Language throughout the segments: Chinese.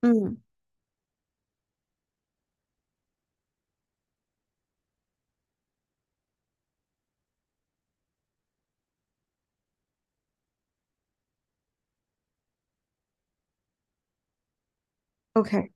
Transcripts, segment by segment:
嗯，OK，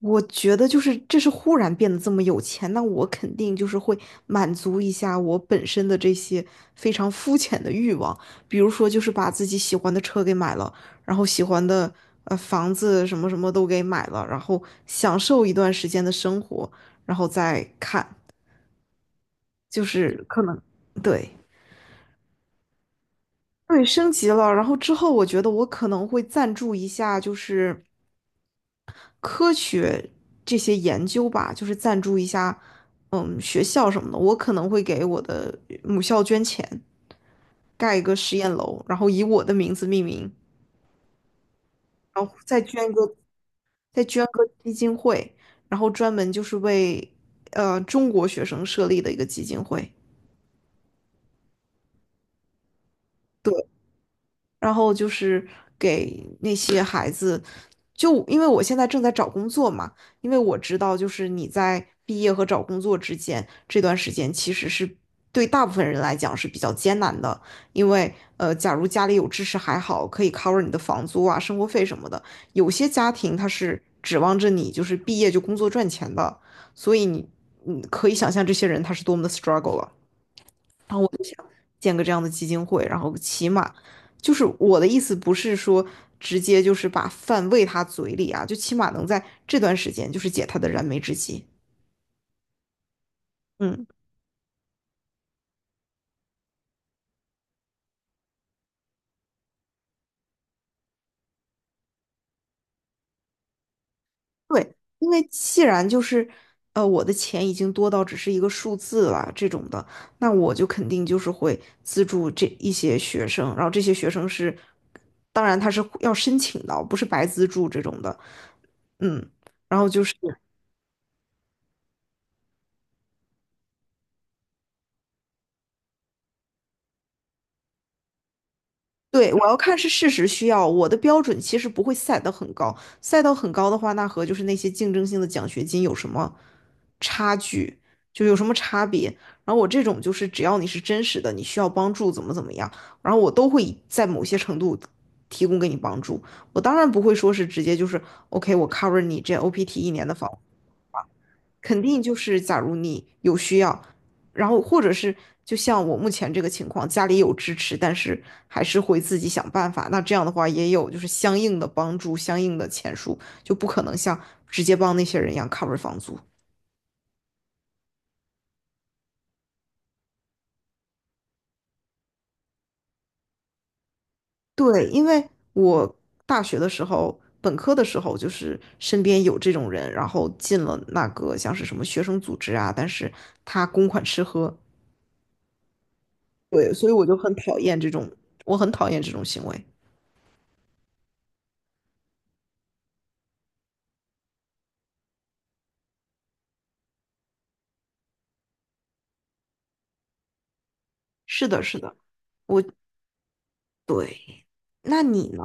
我觉得就是这是忽然变得这么有钱，那我肯定就是会满足一下我本身的这些非常肤浅的欲望，比如说就是把自己喜欢的车给买了，然后喜欢的房子什么什么都给买了，然后享受一段时间的生活，然后再看，就是可能对，对，升级了，然后之后我觉得我可能会赞助一下，就是。科学这些研究吧，就是赞助一下，学校什么的，我可能会给我的母校捐钱，盖一个实验楼，然后以我的名字命名，然后再捐个基金会，然后专门就是为中国学生设立的一个基金会。然后就是给那些孩子，就因为我现在正在找工作嘛，因为我知道就是你在毕业和找工作之间这段时间其实是。对大部分人来讲是比较艰难的，因为假如家里有支持还好，可以 cover 你的房租啊、生活费什么的。有些家庭他是指望着你就是毕业就工作赚钱的，所以你可以想象这些人他是多么的 struggle 了。然后我就想建个这样的基金会，然后起码就是我的意思不是说直接就是把饭喂他嘴里啊，就起码能在这段时间就是解他的燃眉之急。嗯，对，因为既然就是我的钱已经多到只是一个数字了这种的，那我就肯定就是会资助这一些学生，然后这些学生是，当然他是要申请的，不是白资助这种的。嗯，然后就是。对，我要看是事实需要，我的标准其实不会赛得很高，赛到很高的话，那和就是那些竞争性的奖学金有什么差距，就有什么差别。然后我这种就是只要你是真实的，你需要帮助怎么怎么样，然后我都会在某些程度提供给你帮助。我当然不会说是直接就是 OK，我 cover 你这 OPT 一年的房。肯定就是假如你有需要，然后或者是就像我目前这个情况，家里有支持，但是还是会自己想办法。那这样的话也有就是相应的帮助，相应的钱数，就不可能像直接帮那些人一样 cover 房租。对，因为我大学的时候，本科的时候就是身边有这种人，然后进了那个像是什么学生组织啊，但是他公款吃喝，对，所以我就很讨厌这种，我很讨厌这种行为。是的，是的，我对，那你呢？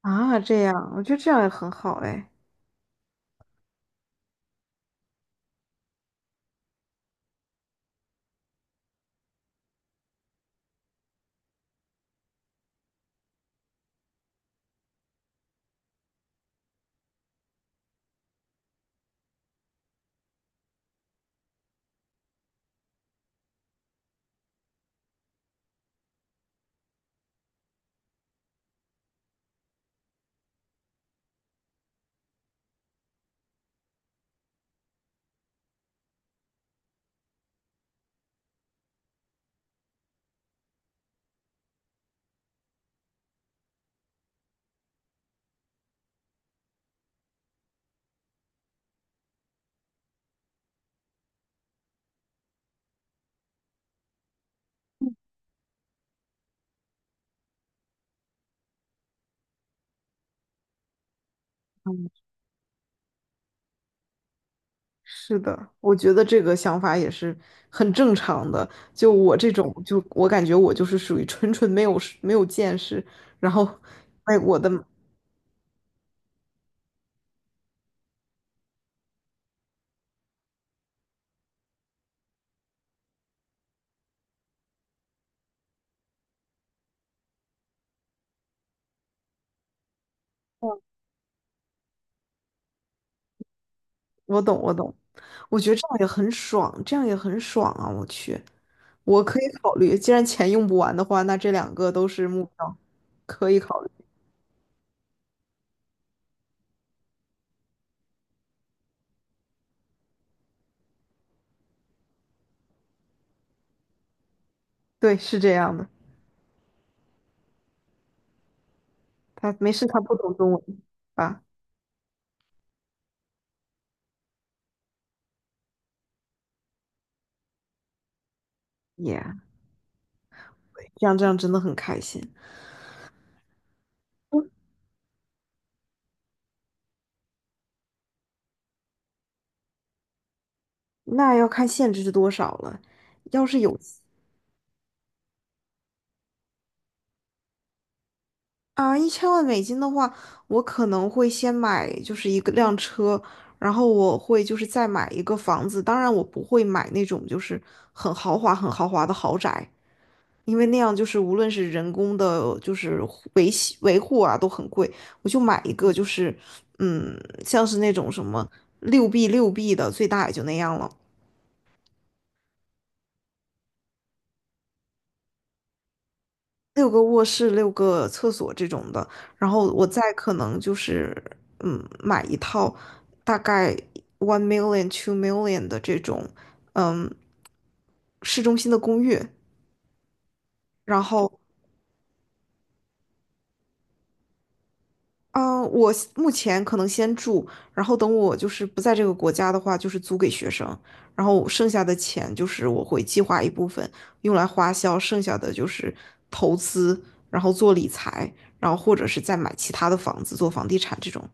啊，这样，我觉得这样也很好哎。嗯，是的，我觉得这个想法也是很正常的。就我这种，就我感觉我就是属于纯纯没有见识，然后，哎，我的，我懂，我懂，我觉得这样也很爽，这样也很爽啊！我去，我可以考虑，既然钱用不完的话，那这两个都是目标，可以考虑。对，是这样的。他没事，他不懂中文吧？Yeah。这样这样真的很开心。那要看限制是多少了。要是有啊一千万美金的话，我可能会先买就是一个辆车，然后我会就是再买一个房子。当然，我不会买那种就是很豪华、很豪华的豪宅，因为那样就是无论是人工的，就是维系维护啊都很贵。我就买一个就是嗯，像是那种什么六 B 的，最大也就那样了。六个卧室、六个厕所这种的，然后我再可能就是买一套大概 1 million、2 million 的这种嗯市中心的公寓，然后我目前可能先住，然后等我就是不在这个国家的话，就是租给学生，然后剩下的钱就是我会计划一部分用来花销，剩下的就是投资，然后做理财，然后或者是再买其他的房子做房地产这种。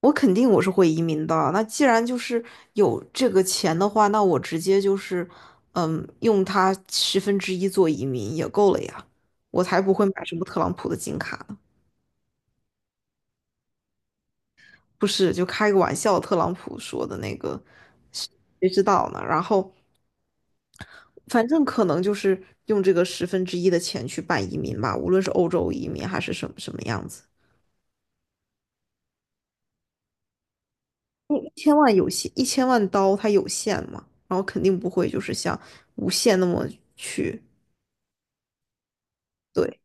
我肯定我是会移民的。那既然就是有这个钱的话，那我直接就是，用它十分之一做移民也够了呀。我才不会买什么特朗普的金卡呢。不是，就开个玩笑，特朗普说的那个，谁知道呢？然后反正可能就是用这个十分之一的钱去办移民吧，无论是欧洲移民还是什么什么样子。因为一千万有限，1000万刀它有限嘛，然后肯定不会就是像无限那么去。对。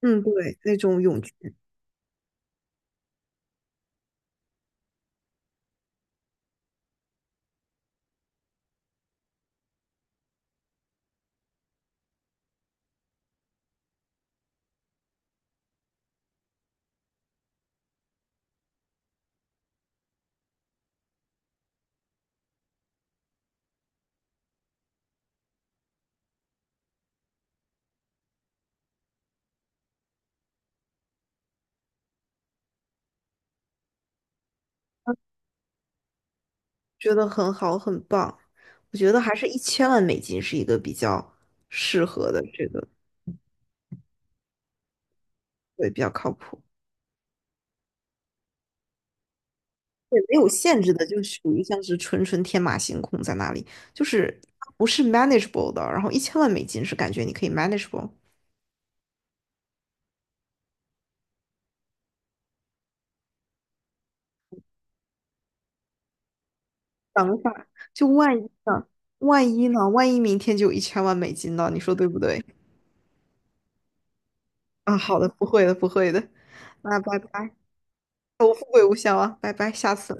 嗯，对，那种永觉得很好，很棒。我觉得还是一千万美金是一个比较适合的，这个对，比较靠谱。对，没有限制的，就属于像是纯纯天马行空在那里，就是不是 manageable 的。然后一千万美金是感觉你可以 manageable。等一下，就万一呢？万一呢？万一明天就有一千万美金呢？你说对不对？啊，好的，不会的，不会的。那拜拜，我富贵无效啊，拜拜，下次。